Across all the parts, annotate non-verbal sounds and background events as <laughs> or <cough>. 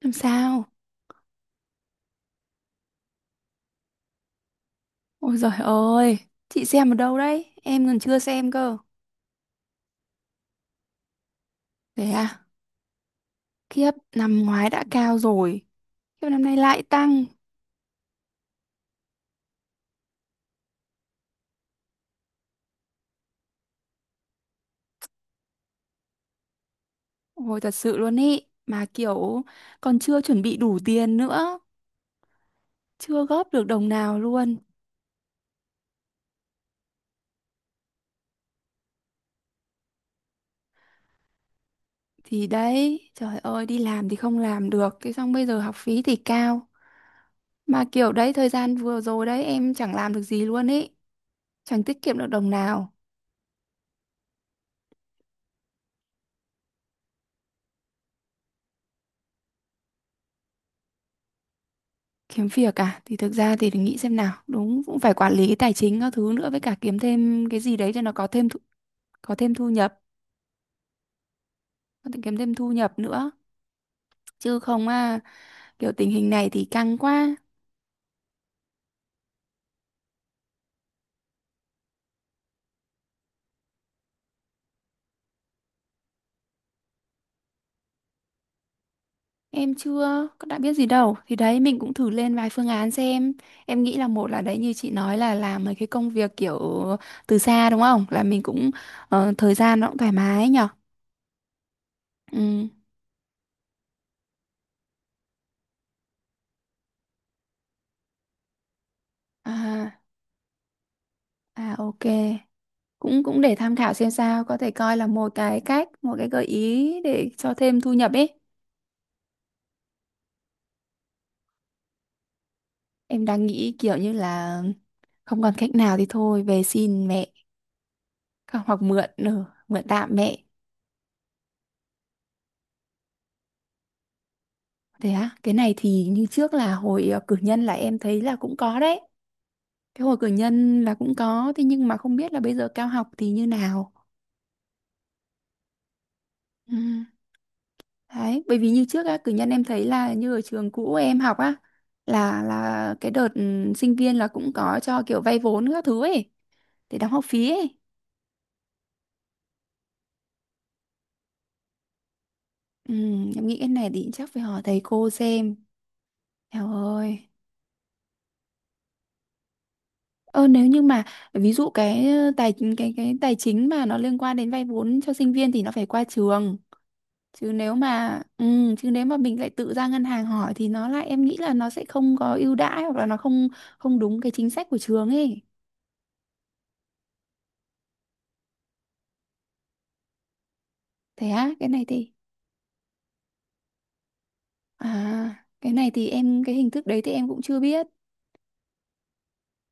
Làm sao? Ôi giời ơi, chị xem ở đâu đấy? Em còn chưa xem cơ. Thế à? Khiếp, năm ngoái đã cao rồi. Khiếp năm nay lại tăng. Ôi thật sự luôn ý. Mà kiểu còn chưa chuẩn bị đủ tiền nữa. Chưa góp được đồng nào luôn. Thì đấy, trời ơi, đi làm thì không làm được. Thế xong bây giờ học phí thì cao. Mà kiểu đấy, thời gian vừa rồi đấy, em chẳng làm được gì luôn ý. Chẳng tiết kiệm được đồng nào. Kiếm việc à? Thì thực ra thì phải nghĩ xem nào, đúng, cũng phải quản lý cái tài chính các thứ nữa, với cả kiếm thêm cái gì đấy cho nó có thêm thu nhập, có thể kiếm thêm thu nhập nữa chứ không à, kiểu tình hình này thì căng quá. Em chưa có đã biết gì đâu, thì đấy mình cũng thử lên vài phương án xem. Em nghĩ là, một là đấy, như chị nói là làm mấy cái công việc kiểu từ xa đúng không, là mình cũng thời gian nó cũng thoải mái nhở. Ừ. À, à, ok. Cũng cũng để tham khảo xem sao, có thể coi là một cái cách, một cái gợi ý để cho thêm thu nhập ấy. Em đang nghĩ kiểu như là không còn cách nào thì thôi về xin mẹ. Hoặc hoặc mượn tạm mẹ. Thế á? Cái này thì như trước là hồi cử nhân là em thấy là cũng có đấy. Cái hồi cử nhân là cũng có, thế nhưng mà không biết là bây giờ cao học thì như nào. Ừ. Đấy, bởi vì như trước á, cử nhân em thấy là như ở trường cũ em học á, là cái đợt sinh viên là cũng có cho kiểu vay vốn các thứ ấy, để đóng học phí ấy. Ừ, em nghĩ cái này thì chắc phải hỏi thầy cô xem. Trời ơi. Ơ, nếu như mà, ví dụ cái ờ, tài cái tài chính mà nó liên quan đến vay vốn cho sinh viên thì nó phải qua trường. Chứ nếu mà mình lại tự ra ngân hàng hỏi thì nó lại, em nghĩ là nó sẽ không có ưu đãi hoặc là nó không không đúng cái chính sách của trường ấy. Thế á? Cái này thì cái hình thức đấy thì em cũng chưa biết.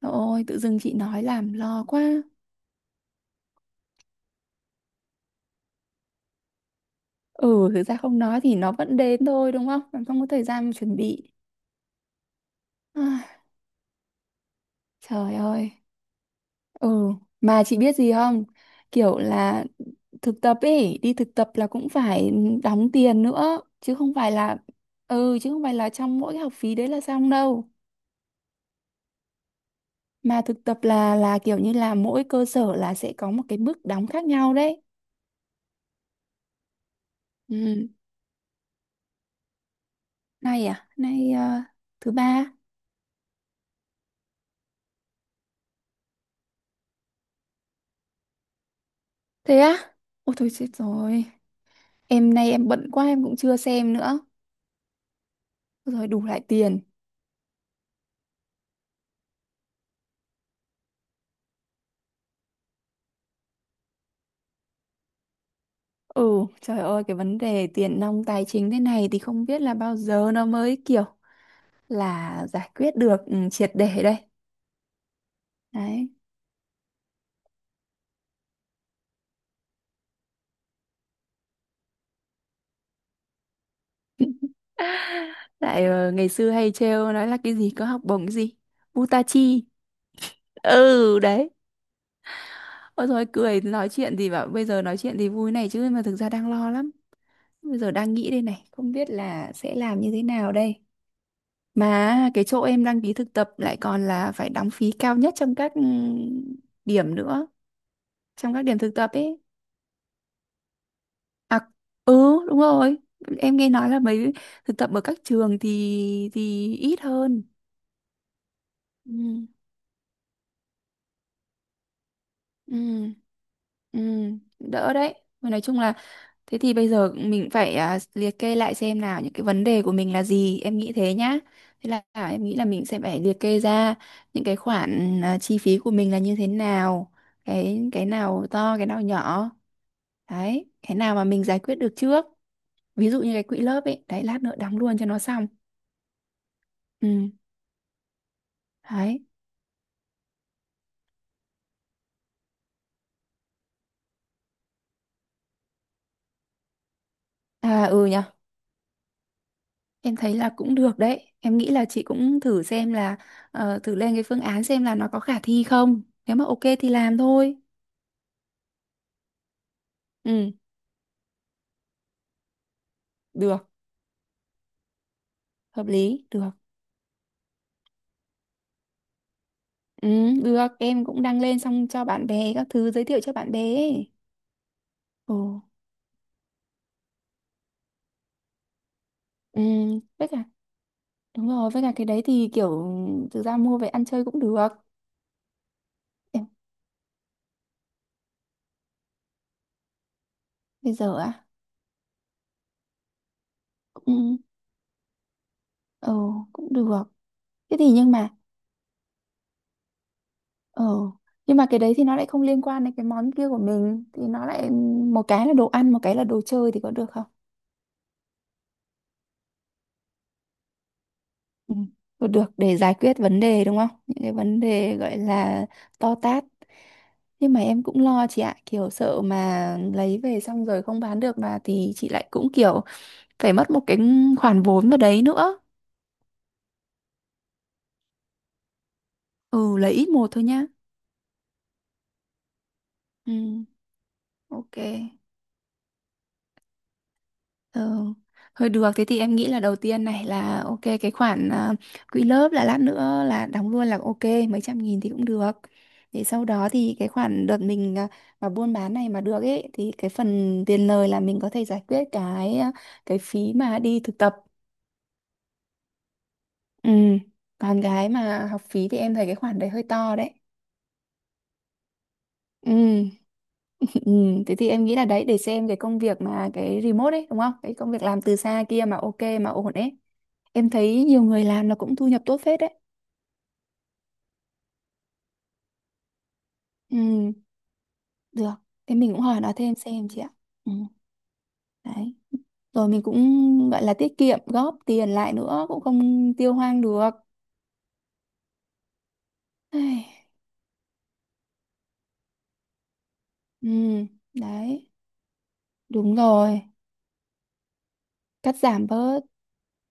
Ôi, tự dưng chị nói làm lo quá. Ừ, thực ra không nói thì nó vẫn đến thôi đúng không? Bạn không có thời gian mà chuẩn bị. Ai, trời ơi. Ừ, mà chị biết gì không? Kiểu là thực tập ấy, đi thực tập là cũng phải đóng tiền nữa, chứ không phải là ừ, chứ không phải là trong mỗi cái học phí đấy là xong đâu. Mà thực tập là kiểu như là mỗi cơ sở là sẽ có một cái mức đóng khác nhau đấy. Ừ, nay thứ ba. Thế á? Ôi thôi chết rồi. Em nay em bận quá em cũng chưa xem nữa. Rồi đủ lại tiền. Ừ, trời ơi, cái vấn đề tiền nong tài chính thế này thì không biết là bao giờ nó mới kiểu là giải quyết được triệt để đây. Đấy, lại ngày xưa hay trêu nói là cái gì có học bổng cái gì Butachi. Ừ, đấy. Ôi, rồi cười nói chuyện thì bảo bây giờ nói chuyện thì vui này, chứ mà thực ra đang lo lắm. Bây giờ đang nghĩ đây này, không biết là sẽ làm như thế nào đây. Mà cái chỗ em đăng ký thực tập lại còn là phải đóng phí cao nhất trong các điểm nữa, trong các điểm thực tập ấy. À, ừ, đúng rồi. Em nghe nói là mấy thực tập ở các trường thì ít hơn. Ừ, ừ, ừ, đỡ đấy. Mà nói chung là thế thì bây giờ mình phải liệt kê lại xem nào những cái vấn đề của mình là gì, em nghĩ thế nhá. Thế là em nghĩ là mình sẽ phải liệt kê ra những cái khoản chi phí của mình là như thế nào, cái nào to cái nào nhỏ. Đấy, cái nào mà mình giải quyết được trước, ví dụ như cái quỹ lớp ấy, đấy lát nữa đóng luôn cho nó xong. Ừ, đấy. À, ừ nhở. Em thấy là cũng được đấy, em nghĩ là chị cũng thử xem là thử lên cái phương án xem là nó có khả thi không, nếu mà ok thì làm thôi. Ừ, được, hợp lý được. Ừ, được, em cũng đăng lên xong cho bạn bè các thứ, giới thiệu cho bạn bè ấy. Ồ. Ừ, với cả, đúng rồi, với cả cái đấy thì kiểu thực ra mua về ăn chơi cũng được. Em bây giờ á, cũng ừ cũng được. Thế thì nhưng mà Ờ, nhưng mà cái đấy thì nó lại không liên quan đến cái món kia của mình, thì nó lại một cái là đồ ăn, một cái là đồ chơi, thì có được không? Ừ. Được, được, để giải quyết vấn đề đúng không? Những cái vấn đề gọi là to tát. Nhưng mà em cũng lo chị ạ, kiểu sợ mà lấy về xong rồi không bán được mà thì chị lại cũng kiểu phải mất một cái khoản vốn vào đấy nữa. Ừ, lấy ít một thôi nhá. Ừ, ok. Ờ, Thôi được, thế thì em nghĩ là đầu tiên này là ok, cái khoản quỹ lớp là lát nữa là đóng luôn là ok, mấy trăm nghìn thì cũng được. Để sau đó thì cái khoản đợt mình mà buôn bán này mà được ấy, thì cái phần tiền lời là mình có thể giải quyết cái cái phí mà đi thực tập. Ừ. Còn cái mà học phí thì em thấy cái khoản đấy hơi to đấy. Ừ, ừ, thế thì em nghĩ là đấy, để xem cái công việc mà cái remote ấy đúng không? Cái công việc làm từ xa kia mà ok, mà ổn ấy. Em thấy nhiều người làm là cũng thu nhập tốt phết đấy. Ừ, được. Thế mình cũng hỏi nó thêm xem chị ạ. Ừ, đấy. Rồi mình cũng gọi là tiết kiệm, góp tiền lại nữa, cũng không tiêu hoang được. Ai. Ừ, đấy. Đúng rồi. Cắt giảm bớt.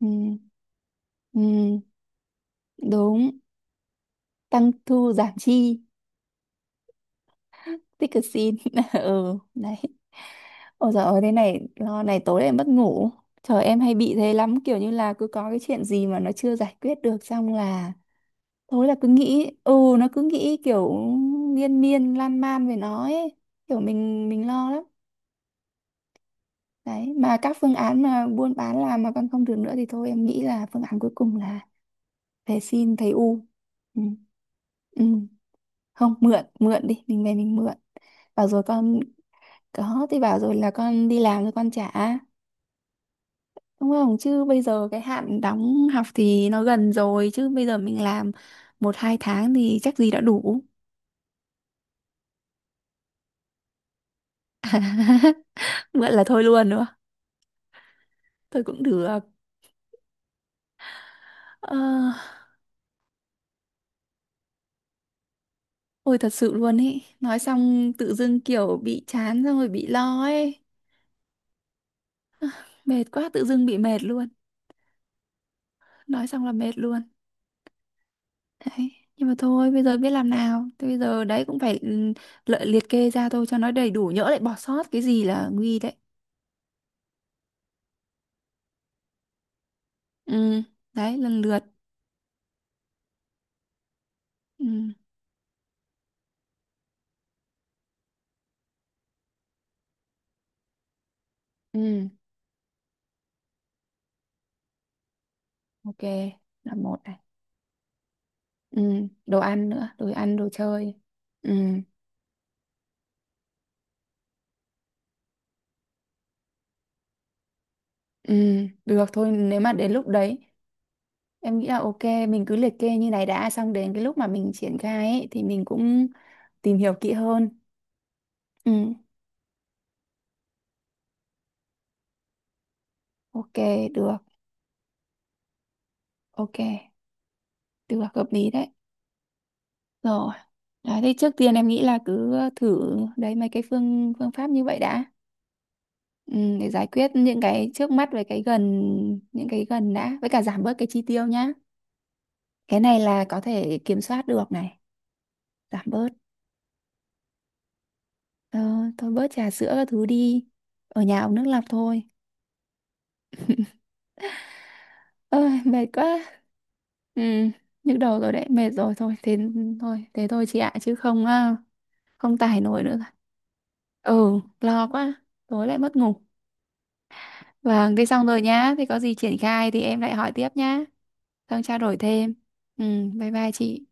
Ừ, ừ, đúng. Tăng thu giảm chi. Dickerson <laughs> ừ đấy. Ôi giời ơi, thế này lo này, tối em mất ngủ. Trời, em hay bị thế lắm, kiểu như là cứ có cái chuyện gì mà nó chưa giải quyết được xong là tối là cứ nghĩ, nó cứ nghĩ kiểu miên miên lan man về nó ấy, kiểu mình lo lắm. Đấy, mà các phương án mà buôn bán làm mà còn không được nữa thì thôi, em nghĩ là phương án cuối cùng là về xin thầy U. Ừ. Ừ. Không, mượn mượn đi, mình về mình mượn và rồi con. Có, thì bảo rồi là con đi làm rồi con trả. Đúng không? Chứ bây giờ cái hạn đóng học thì nó gần rồi. Chứ bây giờ mình làm một hai tháng thì chắc gì đã đủ. Vậy là thôi luôn nữa. Thôi cũng được. Ờ, ôi thật sự luôn ý. Nói xong tự dưng kiểu bị chán, xong rồi bị lo ấy. Mệt quá, tự dưng bị mệt luôn. Nói xong là mệt luôn. Đấy. Nhưng mà thôi bây giờ biết làm nào. Thế bây giờ đấy cũng phải liệt kê ra thôi cho nó đầy đủ. Nhỡ lại bỏ sót cái gì là nguy đấy. Ừ, đấy lần lượt. Ừ, ừ, ok, là một này. Ừ, đồ ăn nữa, đồ ăn đồ chơi. Ừ, ừ, được thôi, nếu mà đến lúc đấy em nghĩ là ok, mình cứ liệt kê như này đã, xong đến cái lúc mà mình triển khai ấy, thì mình cũng tìm hiểu kỹ hơn. Ừ, ok, được, ok, được, hợp lý đấy. Rồi, đấy thì trước tiên em nghĩ là cứ thử đấy mấy cái phương phương pháp như vậy đã. Ừ, để giải quyết những cái trước mắt với cái gần, những cái gần đã, với cả giảm bớt cái chi tiêu nhá. Cái này là có thể kiểm soát được này. Giảm bớt. ờ, Thôi bớt trà sữa các thứ đi, ở nhà uống nước lọc thôi. Ơi <laughs> mệt quá. Ừ, nhức đầu rồi đấy, mệt rồi thôi, thế thôi, thế thôi chị ạ, chứ không không tải nổi nữa rồi. Ừ, lo quá tối lại mất ngủ. Vâng, thế xong rồi nhá, thì có gì triển khai thì em lại hỏi tiếp nhá, xong trao đổi thêm. Ừ, bye bye chị.